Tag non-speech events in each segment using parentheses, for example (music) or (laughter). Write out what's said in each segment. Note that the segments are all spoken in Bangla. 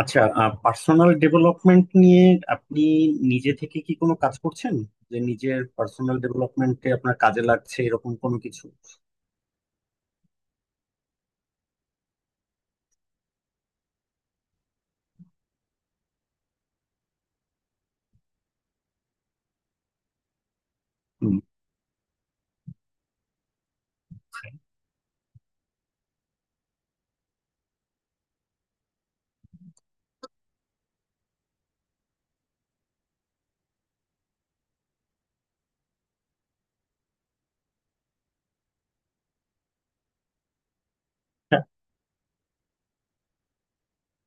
আচ্ছা, পার্সোনাল ডেভেলপমেন্ট নিয়ে আপনি নিজে থেকে কি কোনো কাজ করছেন যে নিজের পার্সোনাল ডেভেলপমেন্টে আপনার কাজে লাগছে এরকম কোনো কিছু? হুম, আচ্ছা।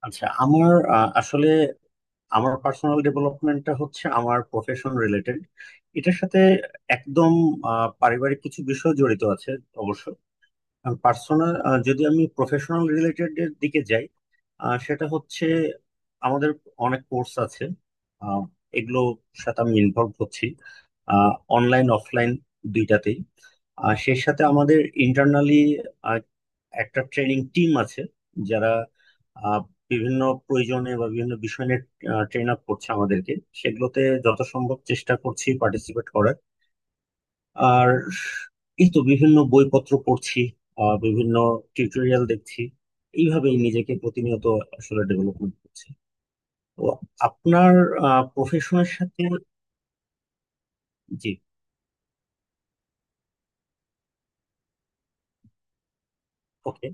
আচ্ছা, আমার আসলে আমার পার্সোনাল ডেভেলপমেন্টটা হচ্ছে আমার প্রফেশন রিলেটেড। এটার সাথে একদম পারিবারিক কিছু বিষয় জড়িত আছে অবশ্য। পার্সোনাল, যদি আমি প্রফেশনাল রিলেটেড এর দিকে যাই, আর সেটা হচ্ছে আমাদের অনেক কোর্স আছে, আহ, এগুলোর সাথে আমি ইনভলভ হচ্ছি অনলাইন অফলাইন দুইটাতেই। আর সেই সাথে আমাদের ইন্টারনালি একটা ট্রেনিং টিম আছে, যারা আহ, বিভিন্ন প্রয়োজনে বা বিভিন্ন বিষয় নিয়ে ট্রেন আপ করছে আমাদেরকে। সেগুলোতে যত সম্ভব চেষ্টা করছি পার্টিসিপেট করার। আর এই তো বিভিন্ন বইপত্র পড়ছি, বিভিন্ন টিউটোরিয়াল দেখছি। এইভাবেই নিজেকে প্রতিনিয়ত আসলে ডেভেলপমেন্ট করছি তো। আপনার প্রফেশনের সাথে। জি। ওকে।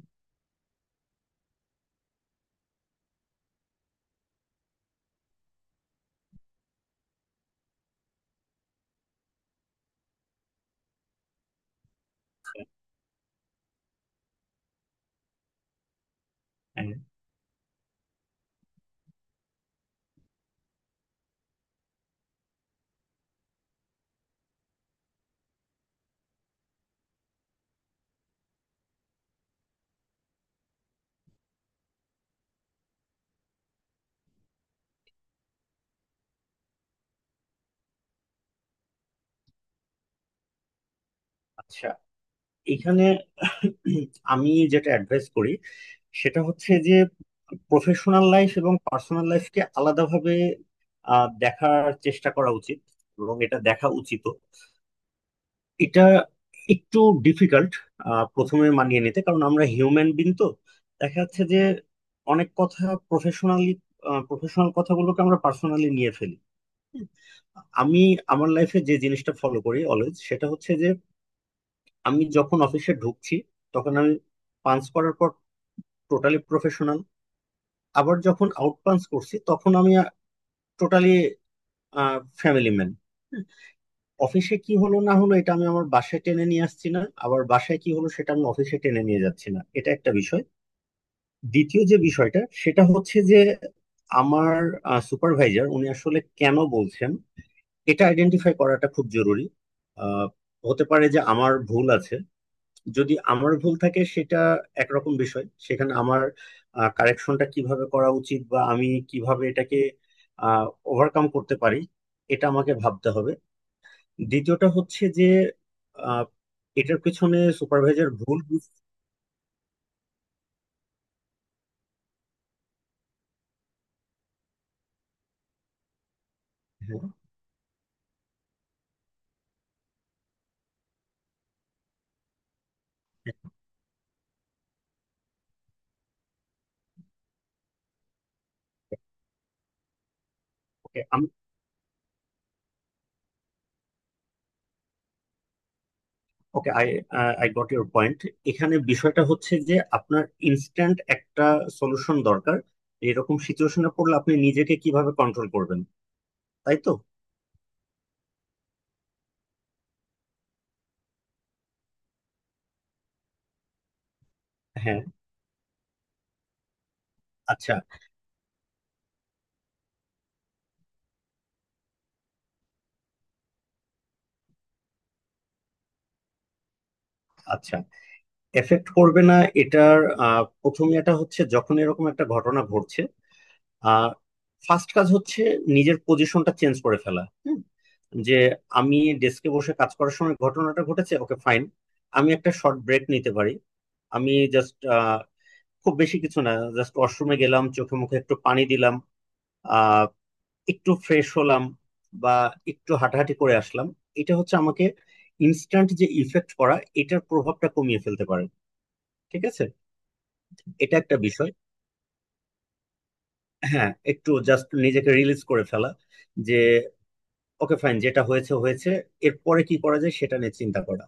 আচ্ছা, এখানে আমি যেটা অ্যাডভাইস করি সেটা হচ্ছে যে প্রফেশনাল লাইফ এবং পার্সোনাল লাইফকে আলাদাভাবে দেখার চেষ্টা করা উচিত এবং এটা দেখা উচিত। এটা একটু ডিফিকাল্ট প্রথমে মানিয়ে নিতে, কারণ আমরা হিউম্যান বিন তো। দেখা যাচ্ছে যে অনেক কথা, প্রফেশনালি প্রফেশনাল কথাগুলোকে আমরা পার্সোনালি নিয়ে ফেলি। আমি আমার লাইফে যে জিনিসটা ফলো করি অলওয়েজ সেটা হচ্ছে যে, আমি যখন অফিসে ঢুকছি তখন আমি পাঞ্চ করার পর টোটালি প্রফেশনাল। আবার যখন আউট পাঞ্চ করছি তখন আমি টোটালি ফ্যামিলি ম্যান। অফিসে কি হলো না হলো এটা আমি আমার বাসায় টেনে নিয়ে আসছি না, আবার বাসায় কি হলো সেটা আমি অফিসে টেনে নিয়ে যাচ্ছি না, এটা একটা বিষয়। দ্বিতীয় যে বিষয়টা সেটা হচ্ছে যে, আমার সুপারভাইজার উনি আসলে কেন বলছেন এটা আইডেন্টিফাই করাটা খুব জরুরি। আহ, হতে পারে যে আমার ভুল আছে। যদি আমার ভুল থাকে সেটা একরকম বিষয়, সেখানে আমার কারেকশনটা কিভাবে করা উচিত বা আমি কিভাবে এটাকে ওভারকাম করতে পারি এটা আমাকে ভাবতে হবে। দ্বিতীয়টা হচ্ছে যে আহ, এটার পেছনে সুপারভাইজার হ্যাঁ, হ্যাঁ, okay, আমি okay. I I got your point. এখানে বিষয়টা হচ্ছে যে আপনার ইনস্ট্যান্ট একটা সলিউশন দরকার, এরকম সিচুয়েশনে পড়লে আপনি নিজেকে কিভাবে কন্ট্রোল করবেন, তাই তো? হ্যাঁ। আচ্ছা। আচ্ছা, এফেক্ট করবে না। এটার প্রথম এটা হচ্ছে, যখন এরকম একটা ঘটনা ঘটছে, আহ ফার্স্ট কাজ হচ্ছে নিজের পজিশনটা চেঞ্জ করে ফেলা। হুম, যে আমি ডেস্কে বসে কাজ করার সময় ঘটনাটা ঘটেছে, ওকে ফাইন, আমি একটা শর্ট ব্রেক নিতে পারি। আমি জাস্ট খুব বেশি কিছু না, জাস্ট ওয়াশরুমে গেলাম, চোখে মুখে একটু পানি দিলাম, আহ একটু ফ্রেশ হলাম, বা একটু হাঁটাহাঁটি করে আসলাম। এটা হচ্ছে আমাকে ইনস্ট্যান্ট যে ইফেক্ট করা, এটার প্রভাবটা কমিয়ে ফেলতে পারে। ঠিক আছে, এটা একটা বিষয়। হ্যাঁ, একটু জাস্ট নিজেকে রিলিজ করে ফেলা। যে ওকে ফাইন, যেটা হয়েছে হয়েছে, এরপরে কি করা যায় সেটা নিয়ে চিন্তা করা।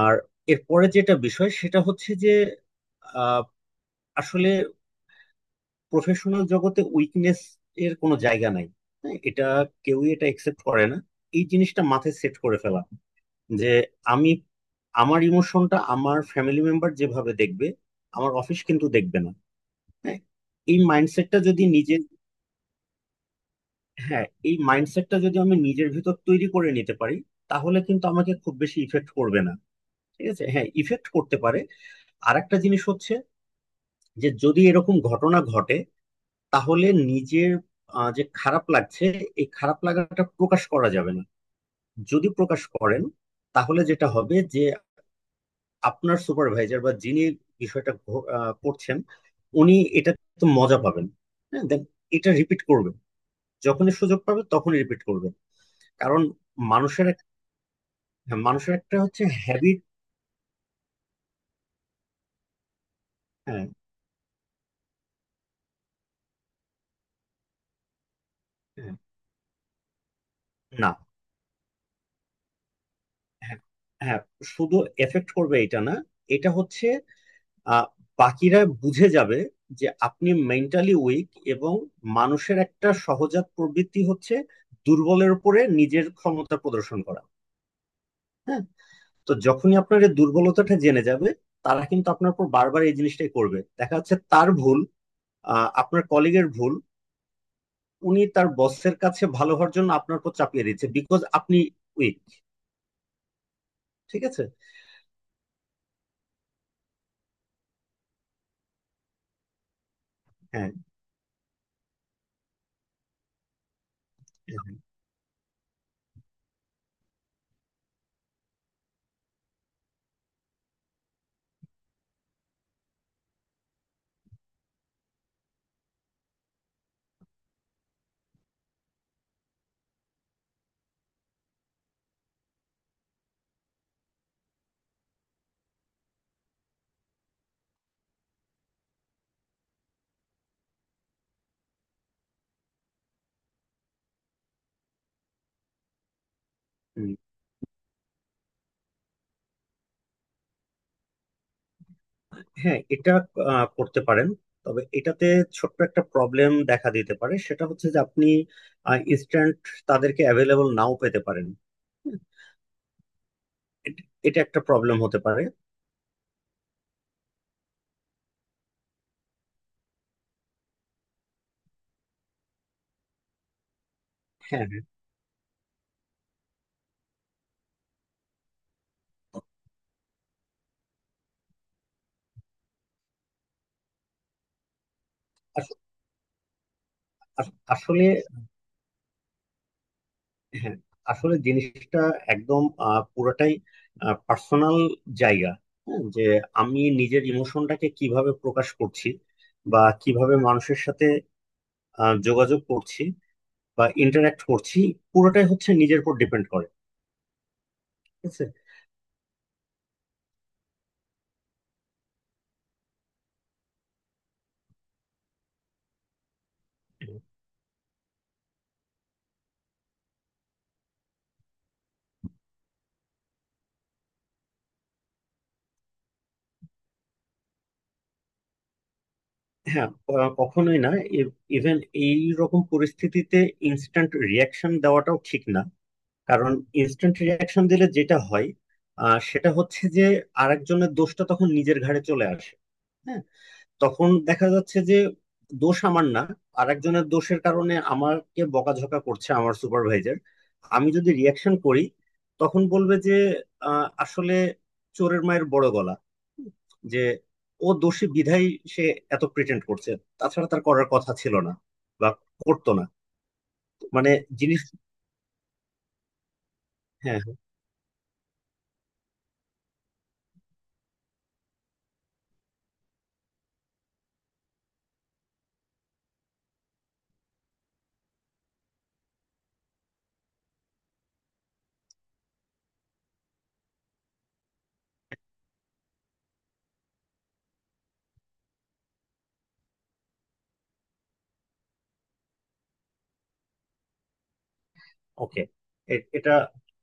আর এরপরে যেটা বিষয় সেটা হচ্ছে যে আহ, আসলে প্রফেশনাল জগতে উইকনেস এর কোনো জায়গা নাই। হ্যাঁ, এটা কেউই এটা একসেপ্ট করে না। এই জিনিসটা মাথায় সেট করে ফেলা যে, আমি আমার ইমোশনটা আমার ফ্যামিলি মেম্বার যেভাবে দেখবে, আমার অফিস কিন্তু দেখবে না। হ্যাঁ, এই মাইন্ডসেটটা যদি নিজের, হ্যাঁ এই মাইন্ডসেটটা যদি আমি নিজের ভিতর তৈরি করে নিতে পারি তাহলে কিন্তু আমাকে খুব বেশি ইফেক্ট করবে না। ঠিক আছে, হ্যাঁ ইফেক্ট করতে পারে। আর একটা জিনিস হচ্ছে যে, যদি এরকম ঘটনা ঘটে তাহলে নিজের যে খারাপ লাগছে, এই খারাপ লাগাটা প্রকাশ করা যাবে না। যদি প্রকাশ করেন তাহলে যেটা হবে যে, আপনার সুপারভাইজার বা যিনি বিষয়টা করছেন, উনি এটা তো মজা পাবেন। হ্যাঁ দেন এটা রিপিট করবেন, যখনই সুযোগ পাবে তখনই রিপিট করবেন। কারণ মানুষের এক- হ্যাঁ, মানুষের একটা হচ্ছে হ্যাবিট। হ্যাঁ, হ্যাঁ, না, হ্যাঁ, হ্যাঁ। শুধু এফেক্ট করবে এটা না, এটা হচ্ছে আহ, বাকিরা বুঝে যাবে যে আপনি মেন্টালি উইক। এবং মানুষের একটা সহজাত প্রবৃত্তি হচ্ছে দুর্বলের উপরে নিজের ক্ষমতা প্রদর্শন করা। হ্যাঁ। তো যখনই আপনার এই দুর্বলতাটা জেনে যাবে, তারা কিন্তু আপনার উপর বারবার এই জিনিসটাই করবে। দেখা যাচ্ছে তার ভুল, আপনার কলিগের ভুল, উনি তার বসের কাছে ভালো হওয়ার জন্য আপনার উপর চাপিয়ে দিচ্ছে বিকজ আপনি উইক। ঠিক আছে। হ্যাঁ। হ্যাঁ, হুম। হ্যাঁ এটা করতে পারেন, তবে এটাতে ছোট্ট একটা প্রবলেম দেখা দিতে পারে সেটা হচ্ছে যে, আপনি ইনস্ট্যান্ট তাদেরকে অ্যাভেলেবল নাও পেতে পারেন। এটা একটা প্রবলেম হতে পারে। হ্যাঁ, হ্যাঁ। আস- আসলে হ্যাঁ, আসলে জিনিসটা একদম পুরোটাই পার্সোনাল জায়গা। হ্যাঁ, যে আমি নিজের ইমোশনটাকে কিভাবে প্রকাশ করছি বা কিভাবে মানুষের সাথে যোগাযোগ করছি বা ইন্টারাক্ট করছি, পুরোটাই হচ্ছে নিজের উপর ডিপেন্ড করে। হ্যাঁ, কখনোই না। ইভেন এই রকম পরিস্থিতিতে ইনস্ট্যান্ট রিয়াকশন দেওয়াটাও ঠিক না। কারণ ইনস্ট্যান্ট রিয়াকশন দিলে যেটা হয়, সেটা হচ্ছে যে আরেকজনের দোষটা তখন নিজের ঘাড়ে চলে আসে। হ্যাঁ। তখন দেখা যাচ্ছে যে, দোষ আমার না, আর একজনের দোষের কারণে আমাকে বকাঝকা করছে আমার সুপারভাইজার। আমি যদি রিয়াকশন করি তখন বলবে যে আসলে চোরের মায়ের বড় গলা, যে ও দোষী বিধায় সে এত প্রিটেন্ড করছে, তাছাড়া তার করার কথা ছিল না বা করতো না। মানে জিনিস। হ্যাঁ, ওকে। এটা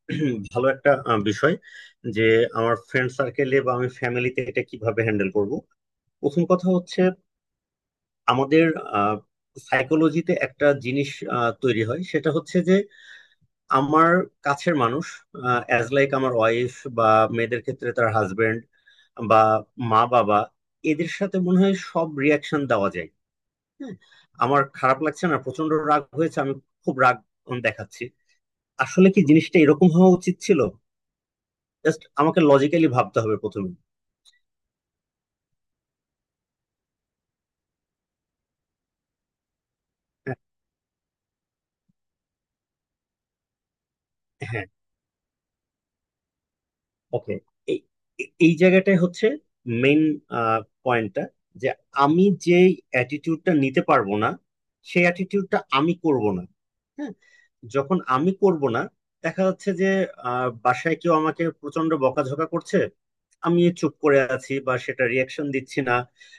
(clears throat) ভালো একটা বিষয় যে, আমার ফ্রেন্ড সার্কেলে বা আমি ফ্যামিলিতে এটা কিভাবে হ্যান্ডেল করব। প্রথম কথা হচ্ছে, আমাদের সাইকোলজিতে একটা জিনিস তৈরি হয় সেটা হচ্ছে যে, আমার কাছের মানুষ, অ্যাজ লাইক আমার ওয়াইফ, বা মেয়েদের ক্ষেত্রে তার হাজবেন্ড, বা মা বাবা, এদের সাথে মনে হয় সব রিয়াকশন দেওয়া যায়। হ্যাঁ আমার খারাপ লাগছে না প্রচন্ড রাগ হয়েছে, আমি খুব রাগ দেখাচ্ছি। আসলে কি জিনিসটা এরকম হওয়া উচিত ছিল? জাস্ট আমাকে লজিক্যালি ভাবতে হবে প্রথমে। হ্যাঁ, ওকে। এই এই এই জায়গাটাই হচ্ছে মেইন পয়েন্টটা। যে আমি যে অ্যাটিটিউডটা নিতে পারবো না, সেই অ্যাটিটিউডটা আমি করব না। হ্যাঁ। যখন আমি করব না, দেখা যাচ্ছে যে বাসায় কেউ আমাকে প্রচন্ড বকাঝকা করছে, আমি চুপ করে আছি বা সেটা রিয়াকশন দিচ্ছি না,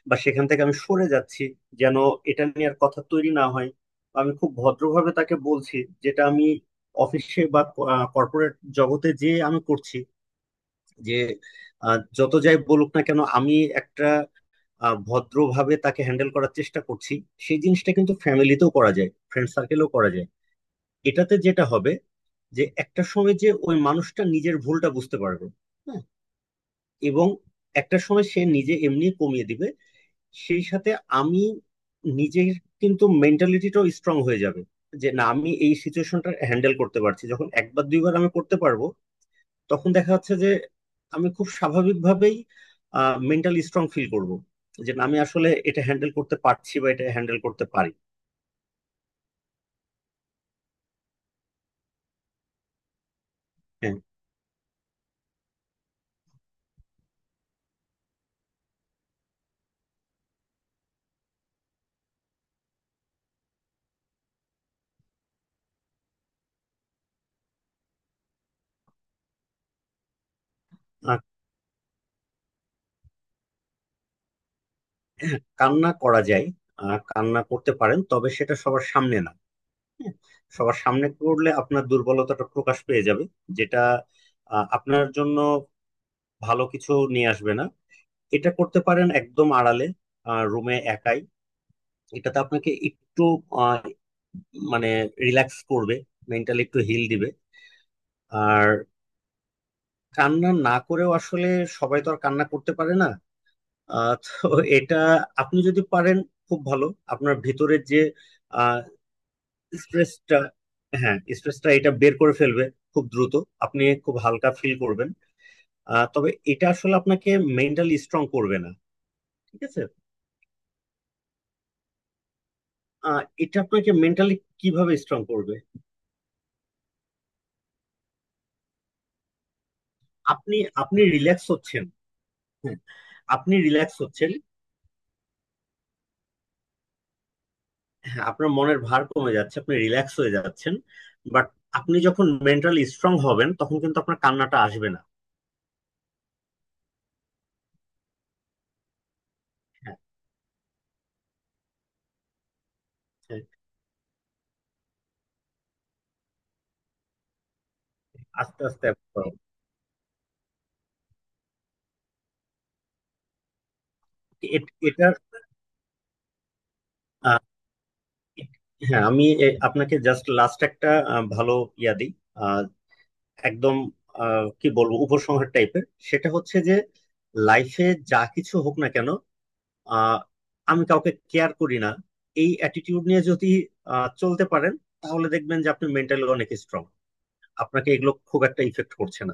বা সেখান থেকে আমি সরে যাচ্ছি যেন এটা নিয়ে আর কথা তৈরি না হয়। বা আমি খুব ভদ্রভাবে তাকে বলছি, যেটা আমি অফিসে বা কর্পোরেট জগতে যে আমি করছি, যে যত যাই বলুক না কেন আমি একটা ভদ্রভাবে তাকে হ্যান্ডেল করার চেষ্টা করছি। সেই জিনিসটা কিন্তু ফ্যামিলিতেও করা যায়, ফ্রেন্ড সার্কেলেও করা যায়। এটাতে যেটা হবে যে, একটা সময় যে ওই মানুষটা নিজের ভুলটা বুঝতে পারবে। হ্যাঁ। এবং একটা সময় সে নিজে এমনি কমিয়ে দিবে। সেই সাথে আমি নিজের কিন্তু মেন্টালিটিটাও স্ট্রং হয়ে যাবে। যে না আমি এই সিচুয়েশনটা হ্যান্ডেল করতে পারছি, যখন একবার দুইবার আমি করতে পারবো, তখন দেখা যাচ্ছে যে আমি খুব স্বাভাবিকভাবেই মেন্টালি স্ট্রং ফিল করব। যে না, আমি আসলে এটা হ্যান্ডেল করতে পারছি বা এটা হ্যান্ডেল করতে পারি। হ্যাঁ, আহ, কান্না করা যায়, কান্না করতে পারেন, তবে সেটা সবার সামনে না। হ্যাঁ, সবার সামনে করলে আপনার দুর্বলতাটা প্রকাশ পেয়ে যাবে, যেটা আপনার জন্য ভালো কিছু নিয়ে আসবে না। এটা করতে পারেন একদম আড়ালে, রুমে একাই। এটাতে আপনাকে একটু আহ, মানে রিল্যাক্স করবে, মেন্টালি একটু হিল দিবে। আর কান্না না করেও আসলে, সবাই তো আর কান্না করতে পারে না, তো এটা আপনি যদি পারেন খুব ভালো। আপনার ভিতরের যে স্ট্রেসটা, হ্যাঁ স্ট্রেসটা এটা বের করে ফেলবে খুব দ্রুত, আপনি খুব হালকা ফিল করবেন। তবে এটা আসলে আপনাকে মেন্টালি স্ট্রং করবে না। ঠিক আছে, এটা আপনাকে মেন্টালি কিভাবে স্ট্রং করবে? আপনি, আপনি রিল্যাক্স হচ্ছেন। হ্যাঁ, আপনি রিল্যাক্স হচ্ছেন। হ্যাঁ আপনার মনের ভার কমে যাচ্ছে, আপনি রিল্যাক্স হয়ে যাচ্ছেন। বাট আপনি যখন মেন্টালি স্ট্রং হবেন তখন কিন্তু আপনার কান্নাটা আসবে না। হ্যাঁ, হ্যাঁ, আস্তে আস্তে করো। এ- এটার আহ, হ্যাঁ, আমি আপনাকে জাস্ট লাস্ট একটা ভালো ইয়া দিই। আহ, একদম কি বলবো উপসংহার টাইপের। সেটা হচ্ছে যে, লাইফে যা কিছু হোক না কেন, আহ, আমি কাউকে কেয়ার করি না, এই অ্যাটিটিউড নিয়ে যদি চলতে পারেন, তাহলে দেখবেন যে আপনি মেন্টালি অনেক স্ট্রং, আপনাকে এগুলো খুব একটা ইফেক্ট করছে না।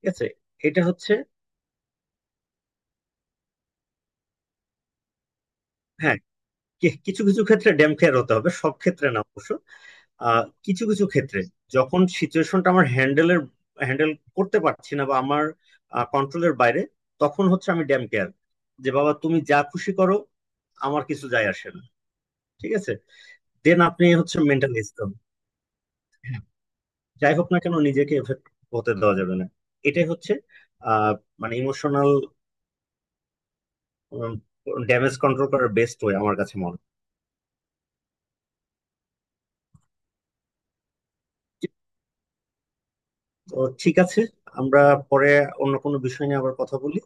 ঠিক আছে, এটা হচ্ছে। হ্যাঁ, কিছু কিছু ক্ষেত্রে ড্যাম খেয়ার হতে হবে, সব ক্ষেত্রে না অবশ্য। কিছু কিছু ক্ষেত্রে যখন সিচুয়েশনটা আমার হ্যান্ডেল করতে পারছি না বা আমার কন্ট্রোলের বাইরে, তখন হচ্ছে আমি ড্যাম কেয়ার। যে বাবা তুমি যা খুশি করো, আমার কিছু যায় আসে না। ঠিক আছে, দেন আপনি হচ্ছে মেন্টালি স্ট্রং। যাই হোক না কেন নিজেকে এফেক্ট হতে দেওয়া যাবে না। এটাই হচ্ছে আহ মানে ইমোশনাল ড্যামেজ কন্ট্রোল করার বেস্ট ওয়ে আমার কাছে মনে হয়। তো ঠিক আছে, আমরা পরে অন্য কোনো বিষয় নিয়ে আবার কথা বলি।